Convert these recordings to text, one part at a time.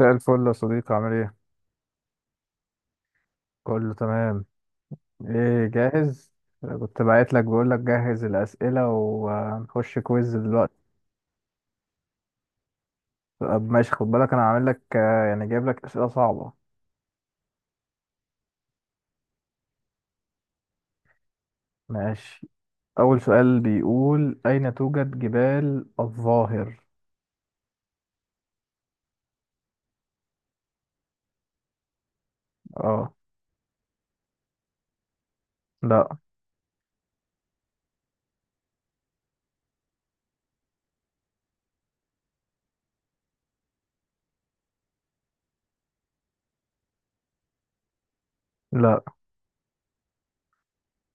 مساء الفل يا صديقي، عامل ايه؟ كله تمام. ايه جاهز؟ كنت باعت لك بقول لك جهز الأسئلة وهنخش كويز دلوقتي. طب ماشي، خد بالك انا عامل لك يعني جايب لك أسئلة صعبة. ماشي. أول سؤال بيقول أين توجد جبال الظاهر؟ اه. لا. لا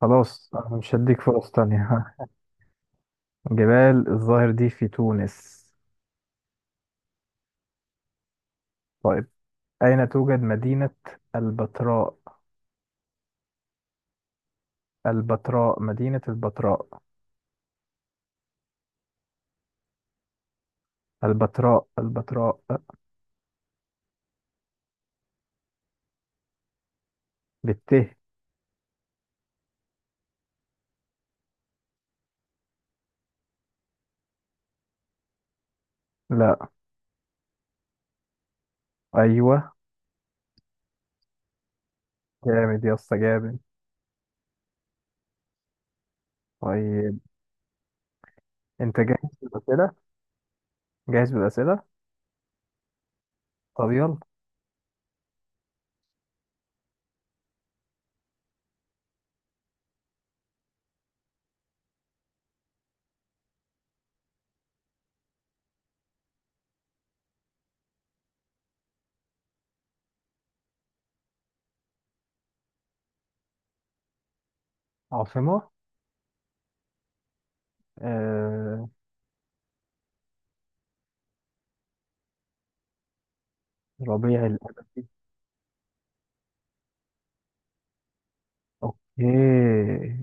خلاص انا مش هديك فرص تانية. جبال الظاهر دي في تونس. طيب، أين توجد مدينة البتراء؟ البتراء، مدينة البتراء البتراء. بالت. لا. ايوه. جامد يا اسطى، جامد. طيب انت جاهز بالاسئله؟ جاهز بالاسئله. طب يلا. عاصمه. آه... ربيع الابدي. اوكي،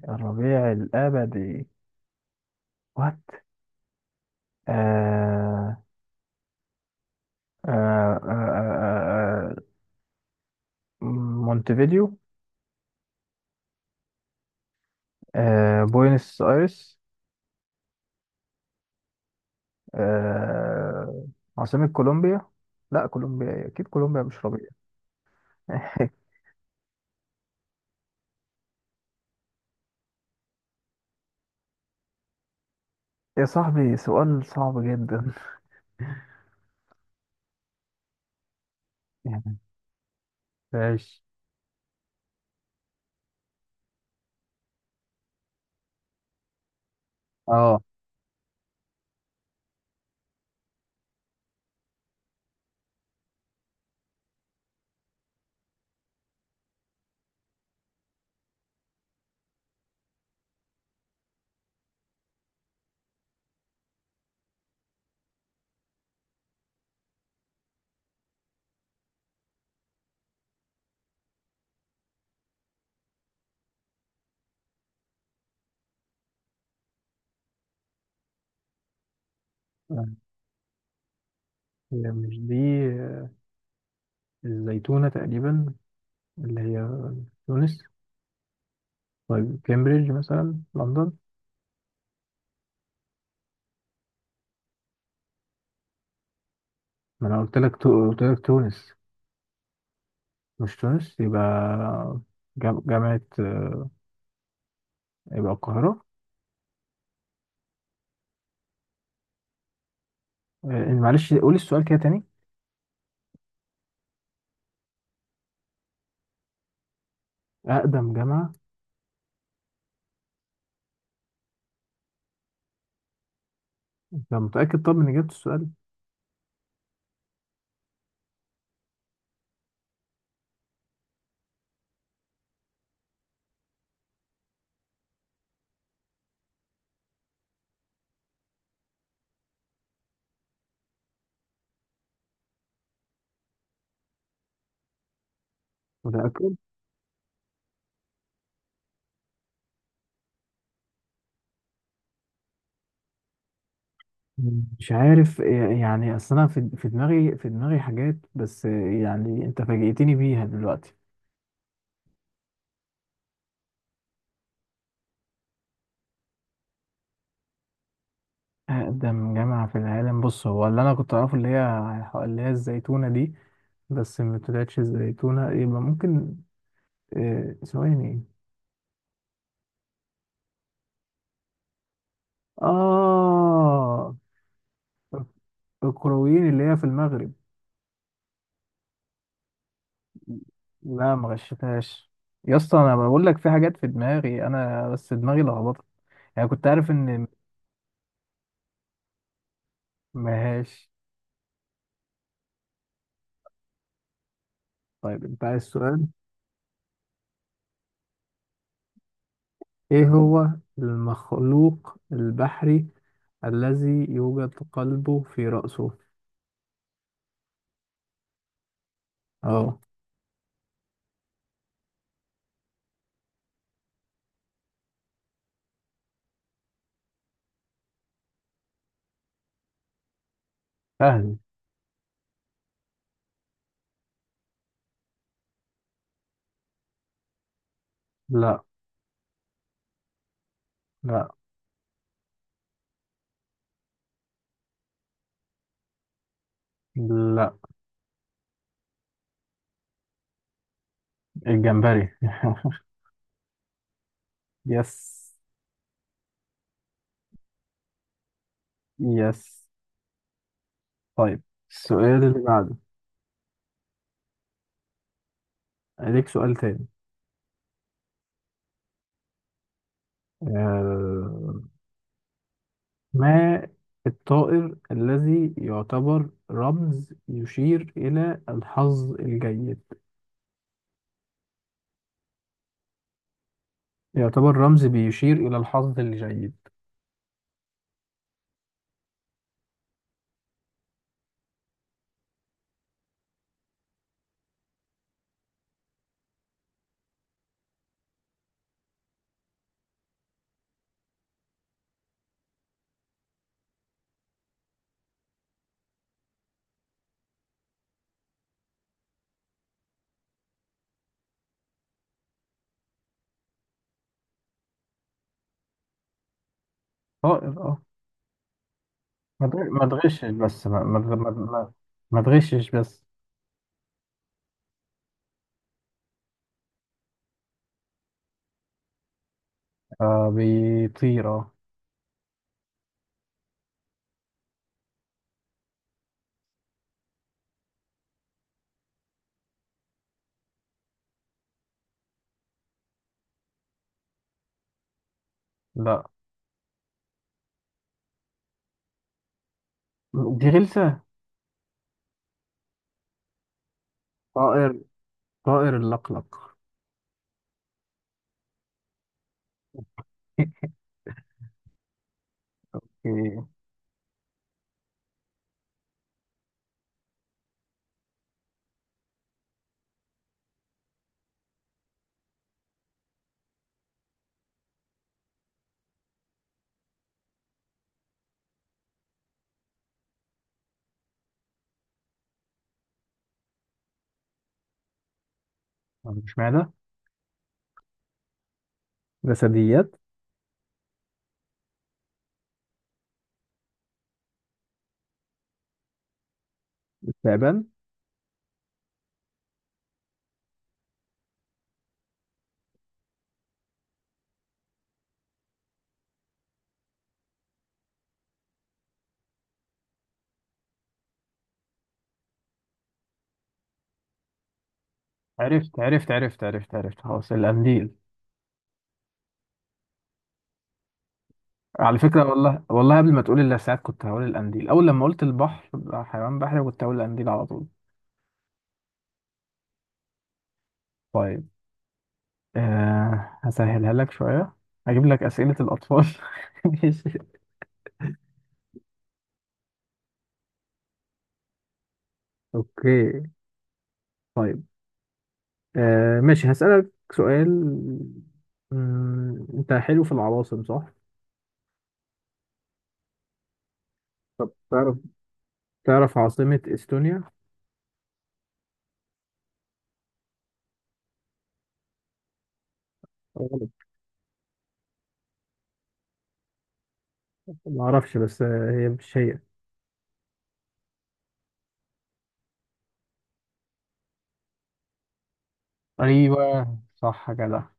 الربيع الابدي. وات. آه... آه... آه... آه... آه، مونتفيديو. بوينس ايرس. آه... عاصمه كولومبيا. لا، كولومبيا إيه؟ اكيد كولومبيا مش ربيع. يا صاحبي، سؤال صعب جدا. يعني ماشي. اه، هي مش دي. آه، الزيتونة تقريبا، اللي هي تونس. طيب كامبريدج مثلا، لندن. ما انا قلت لك تونس. مش تونس يبقى. جامعة، يبقى القاهرة. معلش قولي السؤال كده تاني. أقدم جامعة. أنت متأكد طب من إجابة السؤال؟ متأكد. مش عارف، يعني أصل أنا في دماغي، في دماغي حاجات، بس يعني أنت فاجئتني بيها دلوقتي. أقدم جامعة في العالم، بص هو اللي أنا كنت أعرفه اللي هي الزيتونة دي، بس ما طلعتش الزيتونة، يبقى ممكن ثواني. إيه؟ آه، الكرويين اللي هي في المغرب. لا ما غشتهاش يا اسطى، أنا بقول لك في حاجات في دماغي أنا، بس دماغي لخبطت. يعني كنت عارف إن مهاش. طيب أنت عايز سؤال؟ إيه هو المخلوق البحري الذي يوجد قلبه في رأسه؟ أه سهل. لا. لا. لا الجمبري. يس. يس. طيب السؤال اللي بعده. ليك سؤال تاني. آه، ما الطائر الذي يعتبر رمز يشير إلى الحظ الجيد؟ يعتبر رمز بيشير إلى الحظ الجيد. طائر، اه. ما تغشش بس، ما ما تغشش بس. آه بيطير، اه. لا. دي غلسة. طائر. طائر اللقلق. مش معنى جسديات. استعبان. عرفت، خلاص القنديل. على فكرة والله، والله قبل ما تقول اللسعات كنت هقول القنديل، أول لما قلت البحر بقى حيوان بحري كنت هقول القنديل على طول. طيب، آه هسهلها لك شوية، هجيب لك أسئلة الأطفال. ماشي. اوكي. طيب، آه ماشي هسألك سؤال. انت حلو في العواصم، صح؟ طب تعرف، تعرف عاصمة استونيا؟ غلط. ما اعرفش بس هي مش هي. ايوه صح كده.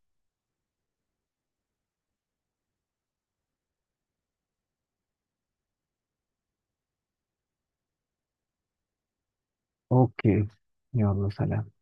اوكي، يلا سلام.